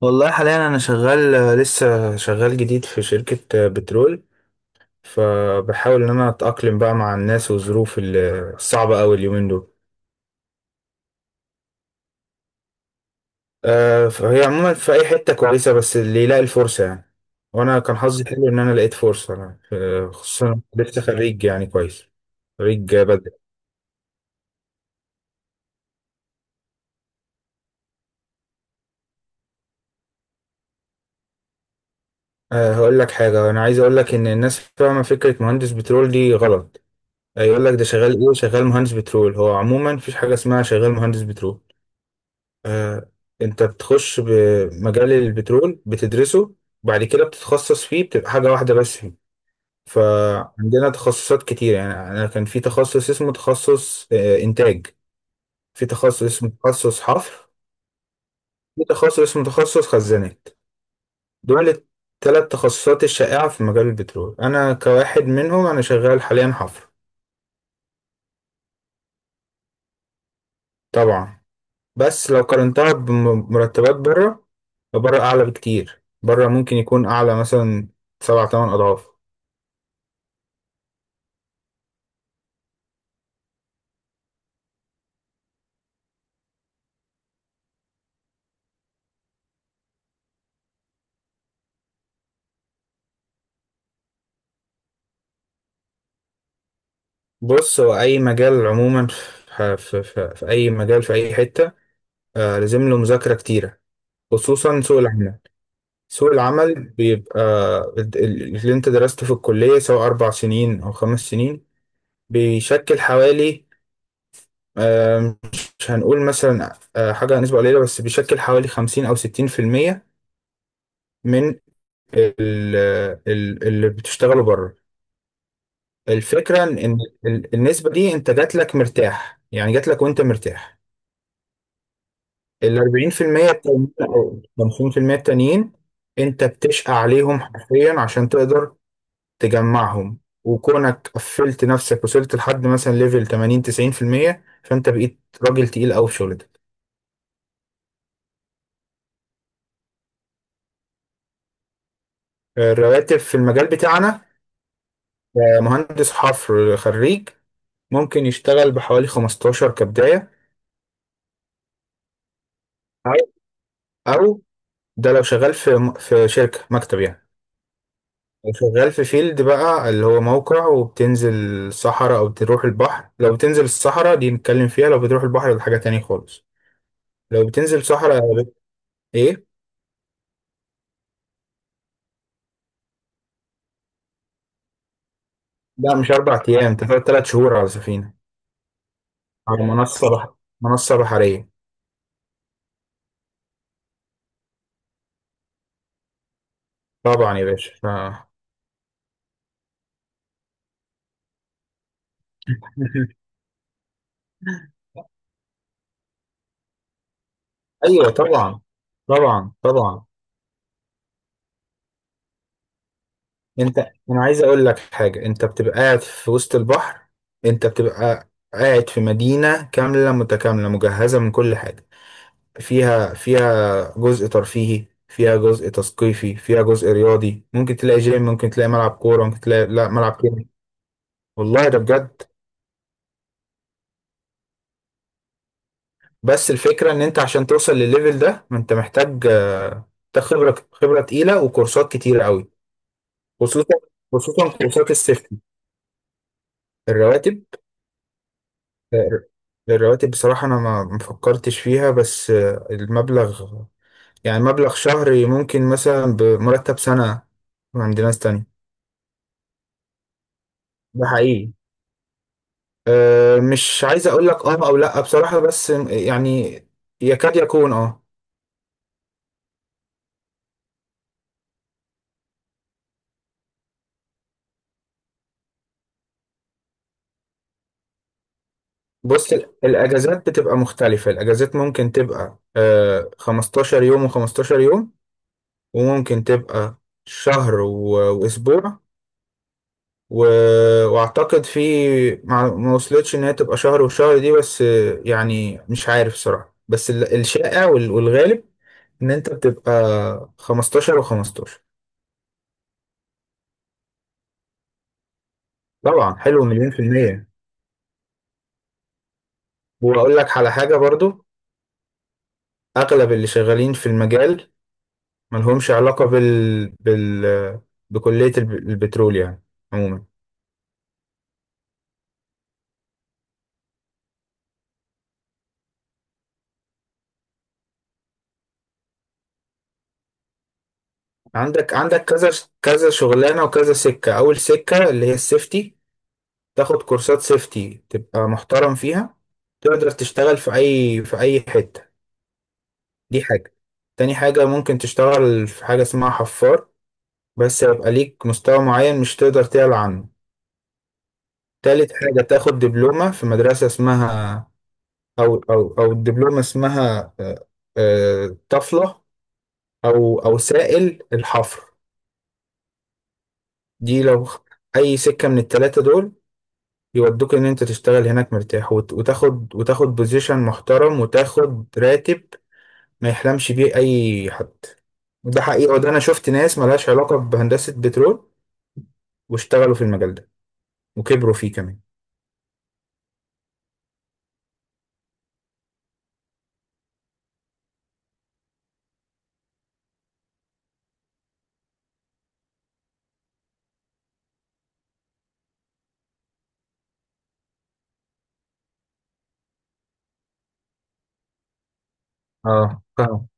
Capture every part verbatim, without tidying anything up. والله حاليا انا شغال، لسه شغال جديد في شركة آه، بترول. فبحاول ان انا اتأقلم بقى مع الناس والظروف ال- الصعبة اوي اليومين دول. آه، فهي عموما في اي حتة كويسة، بس اللي يلاقي الفرصة يعني. وانا كان حظي حلو ان انا لقيت فرصة أنا، آه، خصوصا لسه خريج يعني كويس. خريج بدري. أه هقول لك حاجة، أنا عايز أقول لك إن الناس فاهمة فكرة مهندس بترول دي غلط. آه، يقول لك ده شغال إيه، شغال مهندس بترول. هو عموما مفيش حاجة اسمها شغال مهندس بترول. آه، انت بتخش بمجال البترول بتدرسه، بعد كده بتتخصص فيه، بتبقى حاجة واحدة بس فيه. فعندنا تخصصات كتير يعني، انا كان في تخصص اسمه تخصص آه، انتاج. في تخصص اسمه تخصص حفر. في تخصص اسمه تخصص خزانات. دول الثلاث تخصصات الشائعة في مجال البترول، انا كواحد منهم انا شغال حاليا حفر. طبعا. بس لو قارنتها بمرتبات بره، بره اعلى بكتير، بره ممكن يكون اعلى مثلا سبعة تمن اضعاف. بص، هو أي مجال عموما، في, في, في, في أي مجال في أي حتة آه لازم له مذاكرة كتيرة، خصوصا سوق العمل. سوق العمل بيبقى ال- ال- اللي أنت درسته في الكلية سواء أربع سنين أو خمس سنين بيشكل حوالي آه مش هنقول مثلا آه حاجة نسبة قليلة، بس بيشكل حوالي خمسين أو ستين في المية من ال- ال- اللي بتشتغله بره. الفكرة إن إن ال- النسبة دي أنت جات لك مرتاح يعني، جات لك وأنت مرتاح. ال أربعين في المية التانيين او خمسين في المية التانيين انت بتشقى عليهم حرفيا عشان تقدر تجمعهم. وكونك قفلت نفسك وصلت لحد مثلا ليفل تمانين تسعين في المية، فانت بقيت راجل تقيل قوي في شغلتك. الرواتب في المجال بتاعنا، آه، مهندس حفر خريج ممكن يشتغل بحوالي خمستاشر كبداية، او او ده لو شغال في في شركة مكتب يعني. شغال في فيلد بقى اللي هو موقع، وبتنزل الصحراء او تروح البحر. لو بتنزل الصحراء دي نتكلم فيها، لو بتروح البحر ده حاجة تاني خالص. لو بتنزل صحراء بت... ايه. لا مش اربع ايام، انت فاضل تلات شهور على سفينة. على ياه منصة بح... منصة بحرية. طبعا يا باشا ف... ايوه طبعا، طبعا طبعا. انت، انا عايز اقول لك حاجة، انت بتبقى قاعد في وسط البحر، انت بتبقى قاعد في مدينة كاملة متكاملة مجهزة من كل حاجة. فيها فيها جزء ترفيهي، فيها جزء تثقيفي، فيها جزء رياضي، ممكن تلاقي جيم، ممكن تلاقي ملعب كورة، ممكن تلاقي لا ملعب كورة. والله ده بجد. بس الفكرة ان انت عشان توصل للليفل ده، ما انت محتاج آه، محتاج خبرة، خبرة تقيلة وكورسات كتيرة قوي، خصوصا خصوصا كورسات السيفتي. الرواتب، آه، الرواتب بصراحة انا ما ما فكرتش فيها، بس آه، المبلغ يعني مبلغ شهري ممكن مثلا بمرتب سنة عند ناس تانية. ده حقيقي. أه مش عايز اقول لك اه او لا بصراحة، بس يعني يكاد يكون اه بص ال- الاجازات بتبقى مختلفة، الاجازات ممكن تبقى أه 15 يوم و15 يوم، وممكن تبقى شهر و- واسبوع و... واعتقد في، ما ما وصلتش ان هي تبقى شهر وشهر دي، بس آه، يعني مش عارف صراحة، بس ال- الشائع وال- والغالب ان انت بتبقى خمستاشر وخمستاشر و15. طبعا حلو، مليون في المية. واقول لك على حاجة برضو، اغلب اللي شغالين في المجال ملهمش علاقة بال بال بكلية الب- البترول يعني. عموما، عندك عندك كذا، كذا شغلانة وكذا سكة. أول سكة اللي هي السيفتي، تاخد كورسات سيفتي تبقى محترم فيها، تقدر تشتغل في أي في أي حتة. دي حاجة. تاني حاجة ممكن تشتغل في حاجة اسمها حفار، بس يبقى ليك مستوى معين مش تقدر تعلى عنه. تالت حاجة تاخد دبلومة في مدرسة اسمها، او او او الدبلومه اسمها آه، آه، طفله، او او سائل الحفر. دي لو اي سكه من التلاته دول، يودوك ان انت تشتغل هناك مرتاح، وت- وتاخد وتاخد بوزيشن محترم وتاخد راتب ما يحلمش بيه اي حد. وده حقيقه، وده انا شفت ناس ملهاش علاقه بهندسه بترول واشتغلوا في المجال ده وكبروا فيه كمان. اه، فاهم.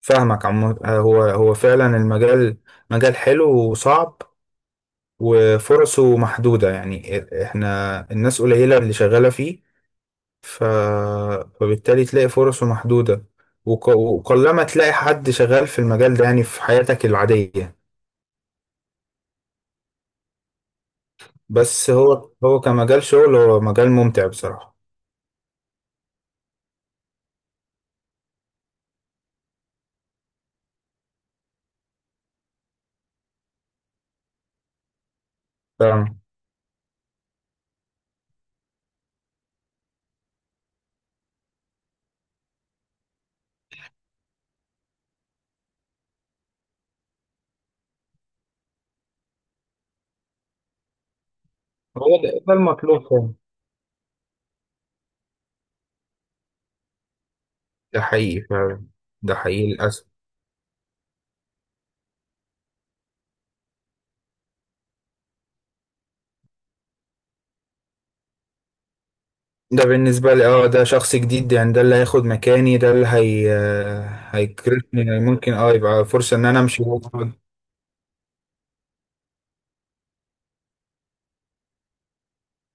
فاهمك عم. آه، هو هو فعلا المجال مجال حلو وصعب، وفرصه محدودة يعني احنا الناس قليلة اللي شغالة فيه. ف... فبالتالي تلاقي فرصه محدودة، وق... وقلما تلاقي حد شغال في المجال ده يعني في حياتك العادية. بس هو هو كمجال شغل هو مجال ممتع بصراحة. فاهم. هو ده ده المطلوب فعلا. ده حقيقي فعلا. ده حقيقي للأسف. ده بالنسبة لي اه ده شخص جديد، يعني ده اللي هياخد مكاني، ده اللي هي هيكرفني، ممكن اه يبقى فرصة ان انا امشي.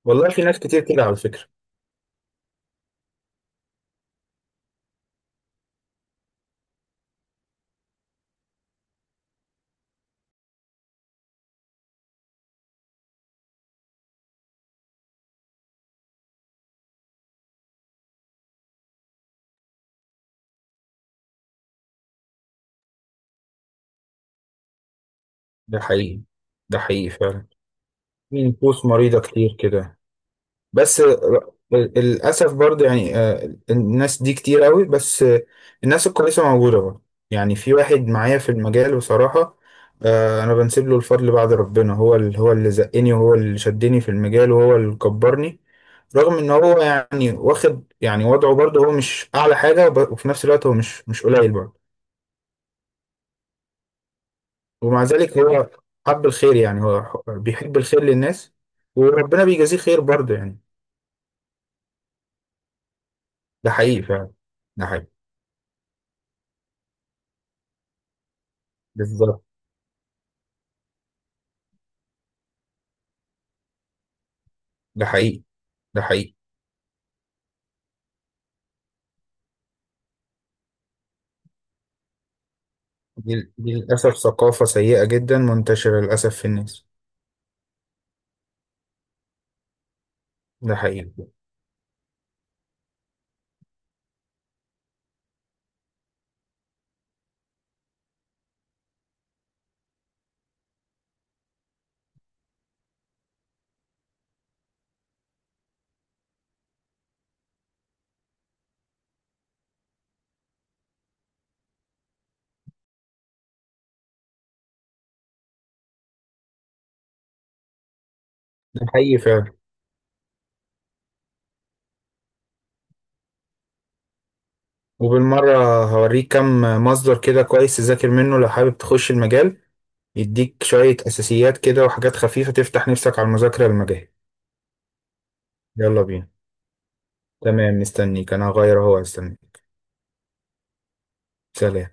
والله في ناس كتير كده على فكرة. ده حقيقي. ده حقيقي فعلا. في نفوس مريضة كتير كده، بس ر- للأسف برضه يعني، آه، الناس دي كتير قوي، بس آه، الناس الكويسة موجودة برضه يعني. في واحد معايا في المجال بصراحة، آه، أنا بنسب له الفضل بعد ربنا، هو اللي هو اللي زقني، وهو اللي شدني في المجال، وهو اللي كبرني. رغم إن هو يعني واخد يعني وضعه برضه، هو مش أعلى حاجة، وب- وفي نفس الوقت هو مش مش قليل برضه. ومع ذلك هو حب الخير يعني، هو ح- بيحب الخير للناس، وربنا بيجازيه خير برضه يعني. ده حقيقي فعلا. ده حقيقي. بالظبط. ده حقيقي. ده حقيقي. دي دي للأسف ثقافة سيئة جدا منتشرة للأسف في الناس. ده حقيقي. ده حقيقي فعلا. وبالمرة هوريك كم مصدر كده كويس تذاكر منه لو حابب تخش المجال، يديك شوية أساسيات كده وحاجات خفيفة تفتح نفسك على المذاكرة المجال. يلا بينا. تمام، مستنيك أنا، هغير أهو استنيك. سلام